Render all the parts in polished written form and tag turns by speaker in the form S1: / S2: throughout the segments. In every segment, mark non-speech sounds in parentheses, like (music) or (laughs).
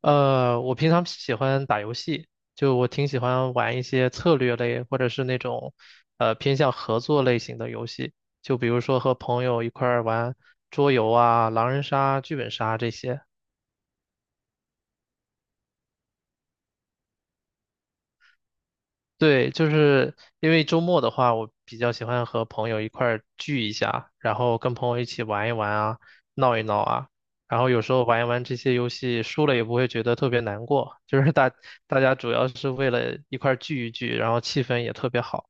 S1: 我平常喜欢打游戏，就我挺喜欢玩一些策略类或者是那种偏向合作类型的游戏，就比如说和朋友一块儿玩桌游啊、狼人杀、剧本杀这些。对，就是因为周末的话，我比较喜欢和朋友一块儿聚一下，然后跟朋友一起玩一玩啊，闹一闹啊，然后有时候玩一玩这些游戏，输了也不会觉得特别难过，就是大家主要是为了一块儿聚一聚，然后气氛也特别好。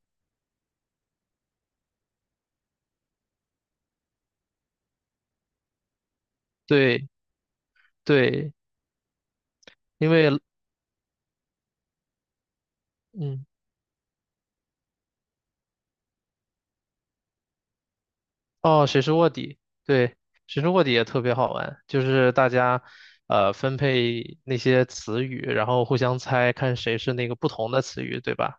S1: 对对，因为嗯，哦，谁是卧底？对，谁是卧底也特别好玩，就是大家分配那些词语，然后互相猜，看谁是那个不同的词语，对吧？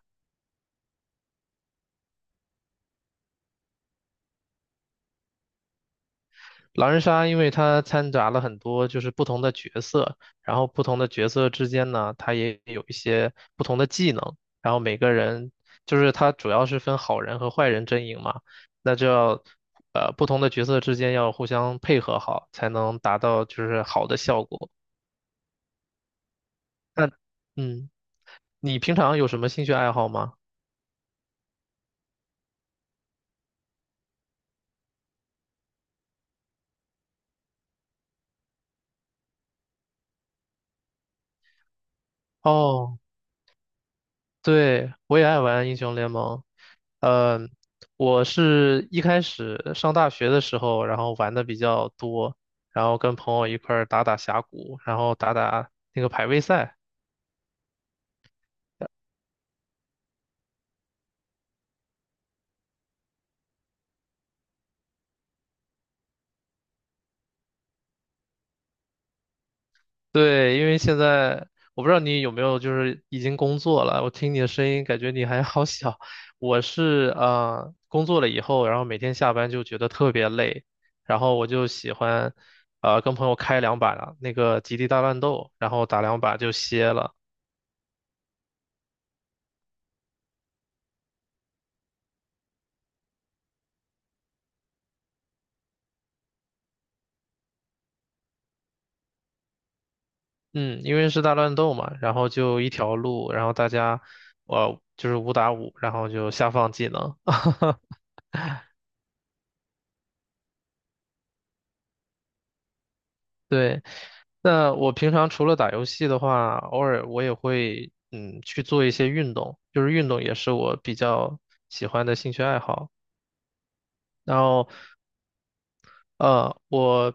S1: 狼人杀，因为它掺杂了很多就是不同的角色，然后不同的角色之间呢，它也有一些不同的技能，然后每个人就是它主要是分好人和坏人阵营嘛，那就要不同的角色之间要互相配合好，才能达到就是好的效果。那嗯，你平常有什么兴趣爱好吗？哦。对，我也爱玩英雄联盟。嗯，我是一开始上大学的时候，然后玩的比较多，然后跟朋友一块儿打打峡谷，然后打打那个排位赛。对，因为现在我不知道你有没有就是已经工作了，我听你的声音感觉你还好小。我是工作了以后，然后每天下班就觉得特别累，然后我就喜欢跟朋友开两把那个极地大乱斗，然后打两把就歇了。嗯，因为是大乱斗嘛，然后就一条路，然后大家，就是五打五，然后就下放技能。(laughs) 对，那我平常除了打游戏的话，偶尔我也会嗯去做一些运动，就是运动也是我比较喜欢的兴趣爱好。然后我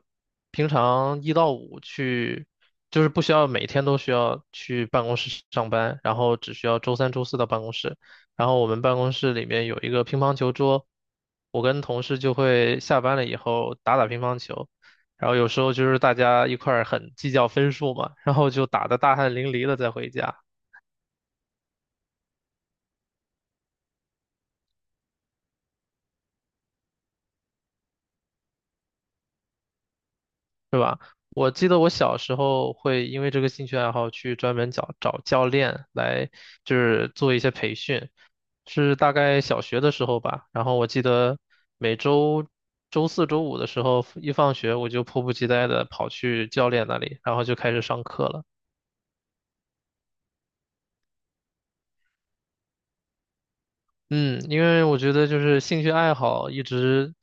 S1: 平常一到五去，就是不需要每天都需要去办公室上班，然后只需要周三、周四到办公室。然后我们办公室里面有一个乒乓球桌，我跟同事就会下班了以后打打乒乓球。然后有时候就是大家一块儿很计较分数嘛，然后就打得大汗淋漓的再回家。是吧？我记得我小时候会因为这个兴趣爱好去专门找教练来，就是做一些培训，是大概小学的时候吧。然后我记得每周周四周五的时候，一放学我就迫不及待的跑去教练那里，然后就开始上课了。嗯，因为我觉得就是兴趣爱好一直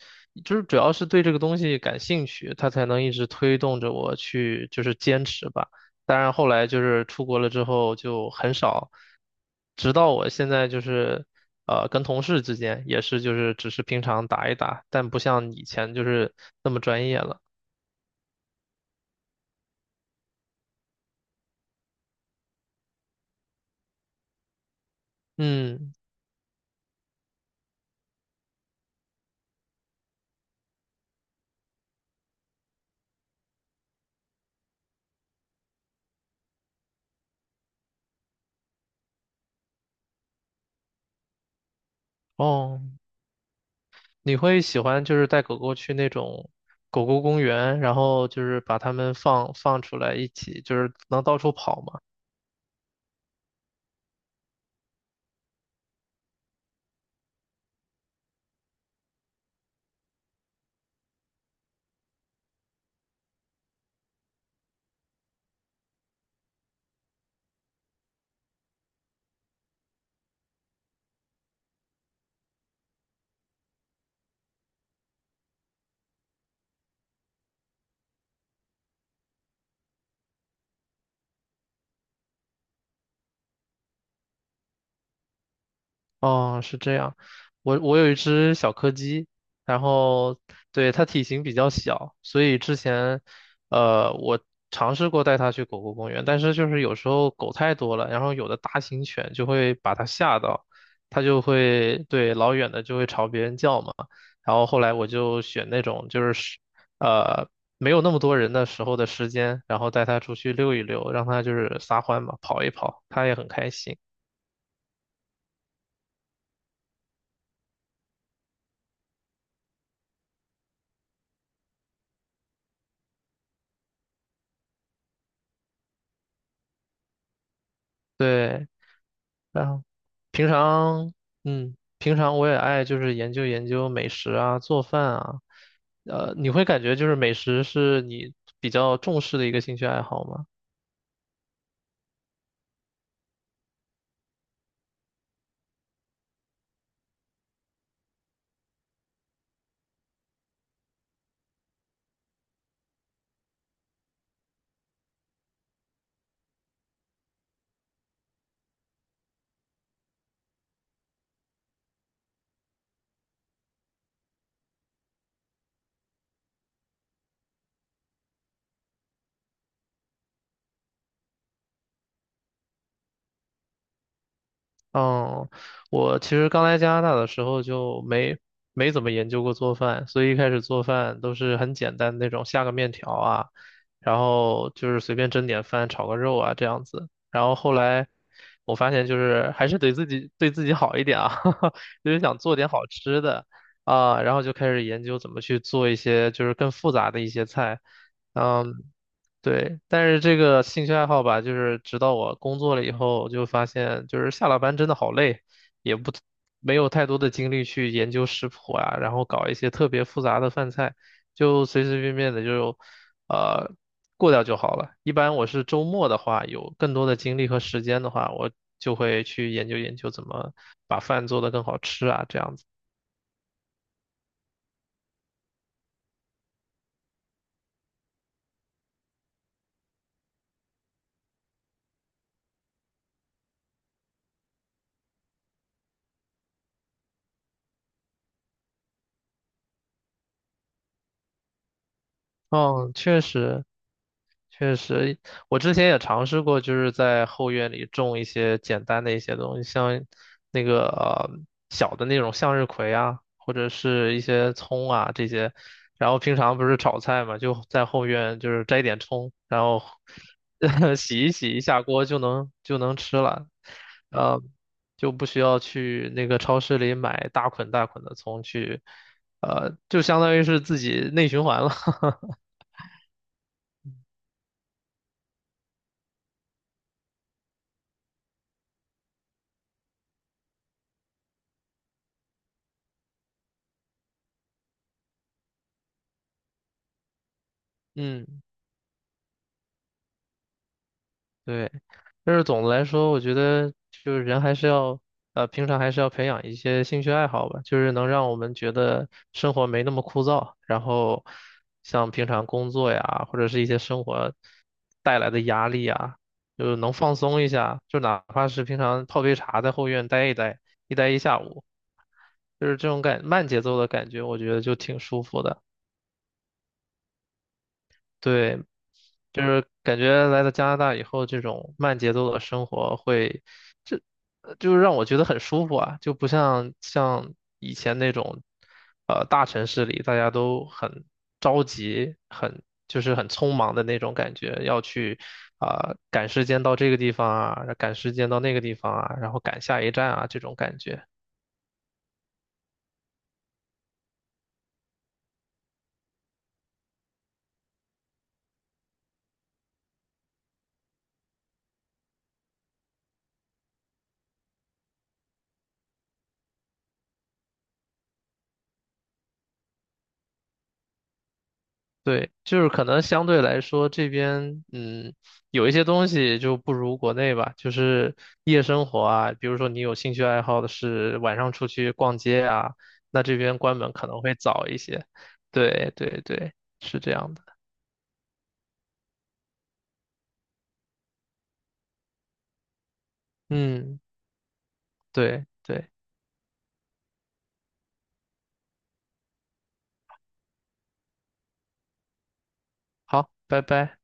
S1: 就是主要是对这个东西感兴趣，它才能一直推动着我去就是坚持吧。当然后来就是出国了之后就很少，直到我现在就是跟同事之间也是就是只是平常打一打，但不像以前就是那么专业了。嗯，哦。你会喜欢就是带狗狗去那种狗狗公园，然后就是把它们放出来一起，就是能到处跑吗？哦，是这样。我有一只小柯基，然后对它体型比较小，所以之前我尝试过带它去狗狗公园，但是就是有时候狗太多了，然后有的大型犬就会把它吓到，它就会对老远的就会朝别人叫嘛。然后后来我就选那种就是时呃没有那么多人的时候的时间，然后带它出去溜一溜，让它就是撒欢嘛，跑一跑，它也很开心。对。然后。平常，嗯，平常我也爱就是研究研究美食啊，做饭啊。你会感觉就是美食是你比较重视的一个兴趣爱好吗？嗯，我其实刚来加拿大的时候就没怎么研究过做饭，所以一开始做饭都是很简单的那种下个面条啊，然后就是随便蒸点饭、炒个肉啊这样子。然后后来我发现就是还是得自己对自己好一点啊，(laughs) 就是想做点好吃的啊，然后就开始研究怎么去做一些就是更复杂的一些菜。嗯。对，但是这个兴趣爱好吧，就是直到我工作了以后，我就发现就是下了班真的好累，也不没有太多的精力去研究食谱啊，然后搞一些特别复杂的饭菜，就随随便便的就呃过掉就好了。一般我是周末的话，有更多的精力和时间的话，我就会去研究研究怎么把饭做得更好吃啊，这样子。嗯，确实，确实，我之前也尝试过，就是在后院里种一些简单的一些东西，像那个小的那种向日葵啊，或者是一些葱啊这些。然后平常不是炒菜嘛，就在后院就是摘点葱，然后 (laughs) 洗一下锅就能吃了，呃，就不需要去那个超市里买大捆大捆的葱去，就相当于是自己内循环了，(laughs) 嗯。对，但是总的来说，我觉得就是人还是要，平常还是要培养一些兴趣爱好吧，就是能让我们觉得生活没那么枯燥，然后像平常工作呀，或者是一些生活带来的压力啊，就是能放松一下，就哪怕是平常泡杯茶在后院待一待，一下午，就是这种感，慢节奏的感觉，我觉得就挺舒服的。对，就是感觉来到加拿大以后，这种慢节奏的生活会，这就是让我觉得很舒服啊，就不像以前那种，大城市里大家都很着急，很就是很匆忙的那种感觉，要去啊、赶时间到这个地方啊，赶时间到那个地方啊，然后赶下一站啊这种感觉。对，就是可能相对来说这边，嗯，有一些东西就不如国内吧，就是夜生活啊，比如说你有兴趣爱好的是晚上出去逛街啊，那这边关门可能会早一些。对对对，是这样的。嗯，对对，好，拜拜。